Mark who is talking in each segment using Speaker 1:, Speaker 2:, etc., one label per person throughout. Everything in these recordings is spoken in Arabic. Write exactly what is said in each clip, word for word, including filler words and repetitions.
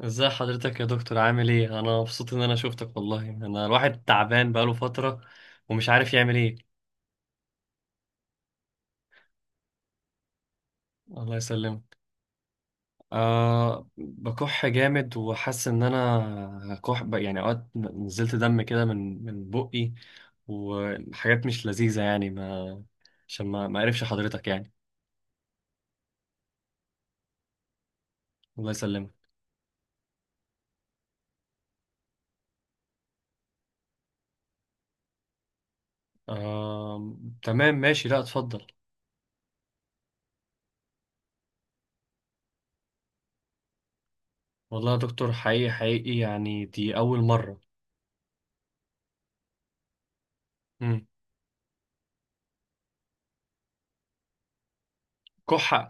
Speaker 1: ازاي حضرتك يا دكتور؟ عامل ايه؟ انا مبسوط ان انا شفتك. والله، انا الواحد تعبان بقاله فترة ومش عارف يعمل ايه. الله يسلمك. أه، بكح جامد وحاسس ان انا كح ب- يعني اوقات نزلت دم كده من من بقي، وحاجات مش لذيذة يعني ما عشان ما ما اعرفش حضرتك يعني. الله يسلمك. أه، تمام، ماشي، لا اتفضل. والله يا دكتور، حقيقي حقيقي، يعني دي اول مرة. مم. كحة.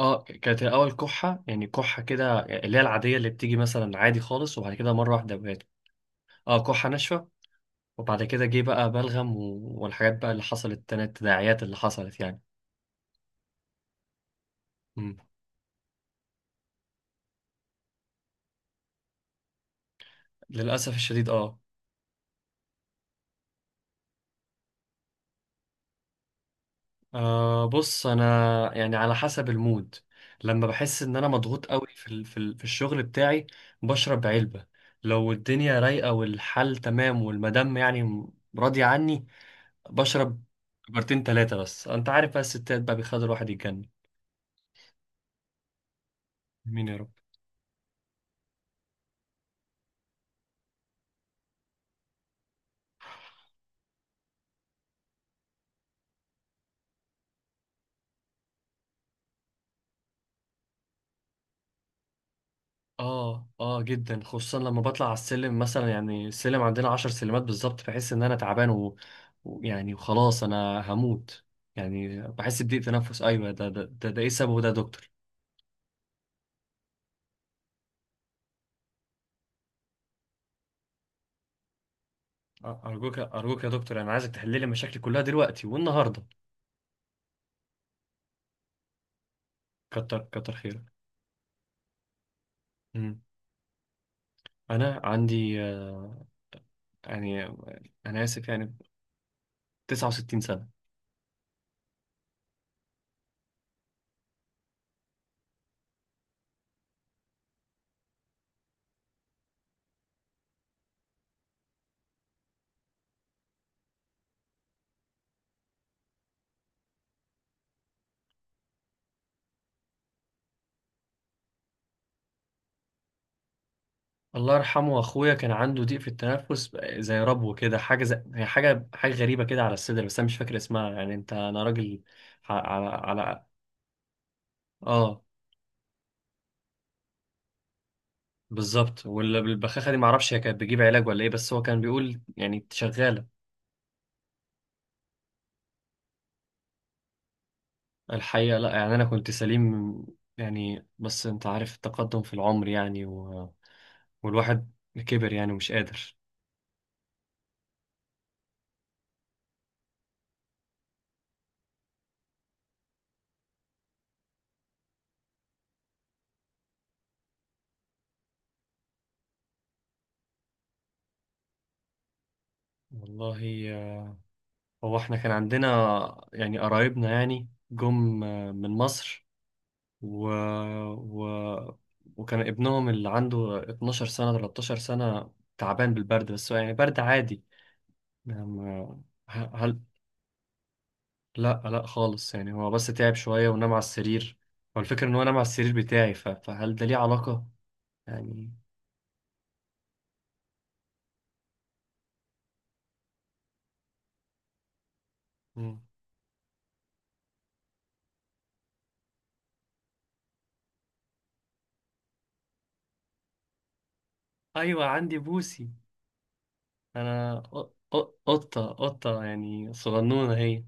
Speaker 1: اه، كانت الاول كحه يعني كحه كده اللي هي العاديه اللي بتيجي مثلا عادي خالص، وبعد كده مره واحده بقت. اه، كحه ناشفه. وبعد كده جه بقى بلغم و... والحاجات بقى اللي حصلت، تاني التداعيات اللي حصلت يعني. مم. للاسف الشديد، اه. آه بص، انا يعني على حسب المود. لما بحس ان انا مضغوط قوي في ال... في ال... في الشغل بتاعي. بشرب علبه. لو الدنيا رايقه والحال تمام والمدام يعني راضيه عني، بشرب كبرتين تلاتة. بس انت عارف بقى، الستات بقى بيخلي الواحد يتجنن. مين يا رب؟ اه، اه، جدا، خصوصا لما بطلع على السلم مثلا، يعني السلم عندنا عشر سلمات بالظبط بحس ان انا تعبان و... ويعني وخلاص انا هموت، يعني بحس بضيق تنفس. ايوه، ده ده ده, ده ايه سببه ده يا دكتور؟ آه، ارجوك ارجوك يا دكتور، انا عايزك تحل لي مشاكلي كلها دلوقتي والنهارده. كتر كتر خيرك. مم. انا عندي آه، يعني آه، انا اسف يعني تسعة وستين سنة. الله يرحمه، اخويا كان عنده ضيق في التنفس بقى، زي ربو كده، حاجه زي هي، حاجه حاجه غريبه كده على الصدر، بس انا مش فاكر اسمها يعني، انت انا راجل ع- على على اه بالظبط. والبخاخه دي، معرفش هي كانت بتجيب علاج ولا ايه، بس هو كان بيقول يعني شغاله. الحقيقه لا، يعني انا كنت سليم يعني، بس انت عارف التقدم في العمر يعني و... والواحد كبر يعني، ومش قادر. والله، آه، هو احنا كان عندنا يعني قرايبنا يعني، جم آه، من مصر و... و... وكان ابنهم اللي عنده اتناشر سنة تلتاشر سنة تعبان بالبرد، بس هو يعني برد عادي يعني ما- ه- هل لا لا خالص، يعني هو بس تعب شوية ونام على السرير. هو الفكرة ان هو نام على السرير بتاعي، ف... فهل ده ليه علاقة يعني؟ مم. ايوه، عندي بوسي. انا ق- ق- قطة قطة يعني صغنونة هي.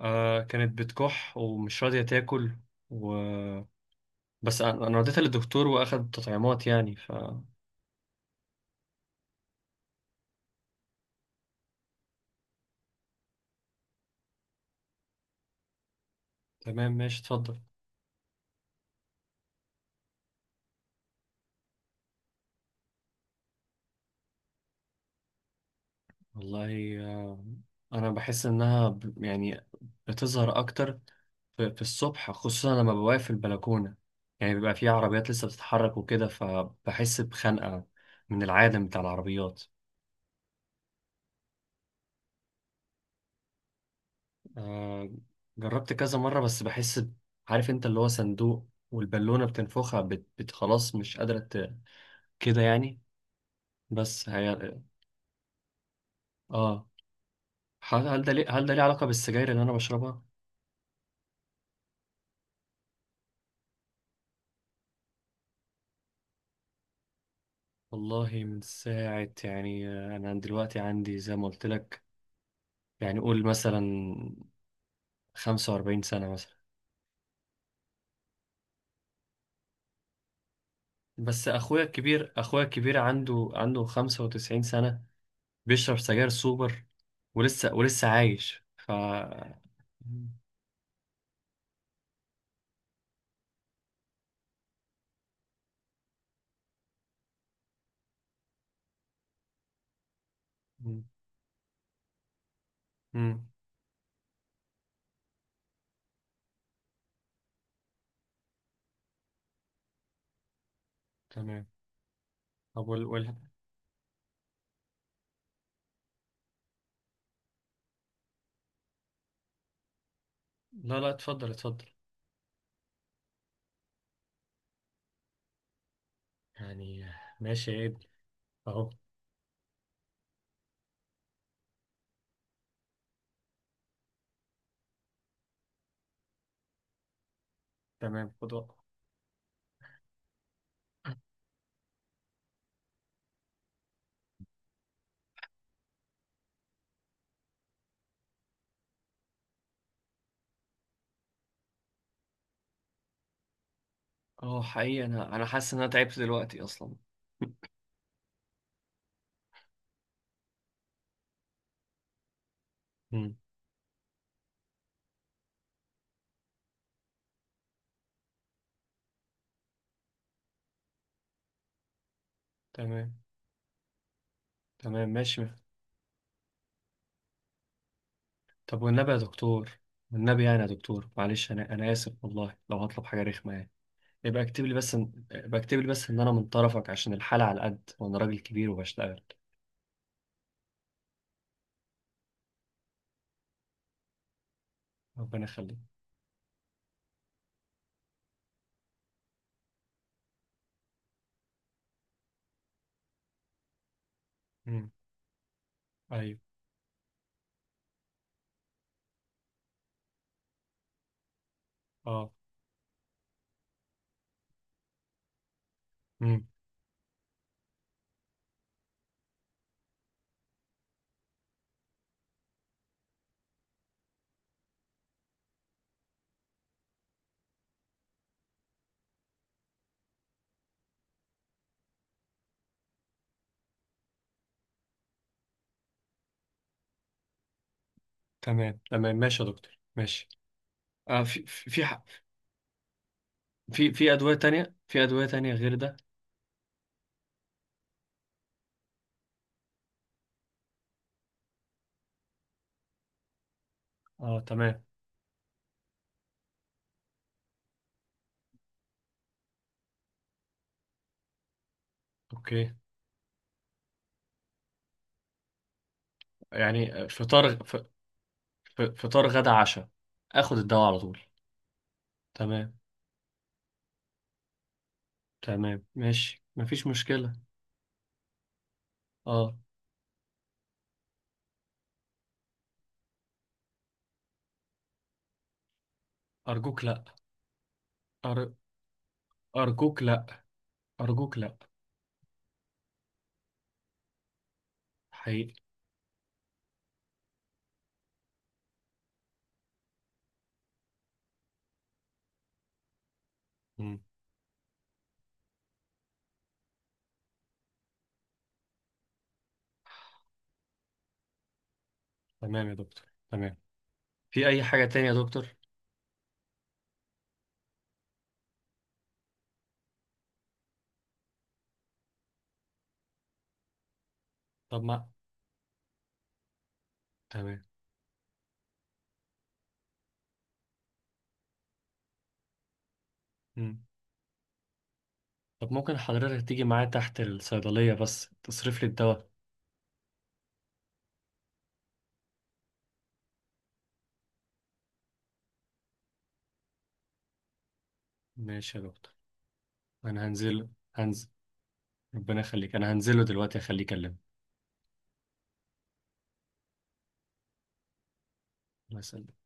Speaker 1: آه، كانت بتكح ومش راضية تاكل و... بس انا أنا وديتها للدكتور، واخد تطعيمات يعني. تمام، ماشي، اتفضل. والله، آه، انا بحس انها ب- يعني بتظهر اكتر في في الصبح، خصوصا لما بوقف في البلكونه، يعني بيبقى في عربيات لسه بتتحرك وكده فبحس بخنقه من العالم بتاع العربيات. آه، جربت كذا مره بس بحس ب- عارف انت اللي هو صندوق والبالونه بتنفخها بت بت- خلاص مش قادره ت- كده يعني. بس هي، اه. هل هل ده ليه هل ده ليه علاقه بالسجاير اللي انا بشربها؟ والله، من ساعة يعني، أنا دلوقتي عندي زي ما قلت لك، يعني قول مثلا خمسة وأربعين سنة مثلا. بس أخويا الكبير أخويا الكبير عنده عنده خمسة وتسعين سنة، بيشرب سجاير سوبر، ولسه ولسه عايش ف مم. مم. تمام. طب وال... وال... لا لا، اتفضل اتفضل. يعني ماشي يا ابني. أهو. تمام، خد وقتك. اه، حقيقي، أنا أنا حاسس إن أنا تعبت دلوقتي أصلا. مم. تمام تمام، ماشي. طب والنبي يا دكتور، والنبي يعني يا دكتور، معلش، انا انا اسف والله لو هطلب حاجه رخمه يعني. يبقى اكتب لي بس إن- يبقى اكتب لي بس ان انا من طرفك، عشان الحاله على قد وانا راجل كبير وبشتغل. ربنا يخليك. امم. ايوه. اه. امم. تمام تمام، ماشي يا دكتور، ماشي. آه في في في ح- في في ادويه تانية في ادويه تانية غير ده؟ اه، تمام. اوكي. يعني آه، فطار ف- ف- فطار غدا عشاء، اخد الدواء على طول. تمام تمام، ماشي، مفيش مشكله. اه. ارجوك لا. أر- أرجوك لأ، أرجوك لأ. حقيقي. مم. تمام يا دكتور، تمام. في أي حاجة تانية يا دكتور؟ طب ما تمام. مم. طب، ممكن حضرتك تيجي معايا تحت الصيدلية بس تصرف لي الدواء؟ ماشي يا دكتور. أنا هنزل هنزل. ربنا يخليك، أنا هنزله دلوقتي أخليه يكلمك. الله يسلمك.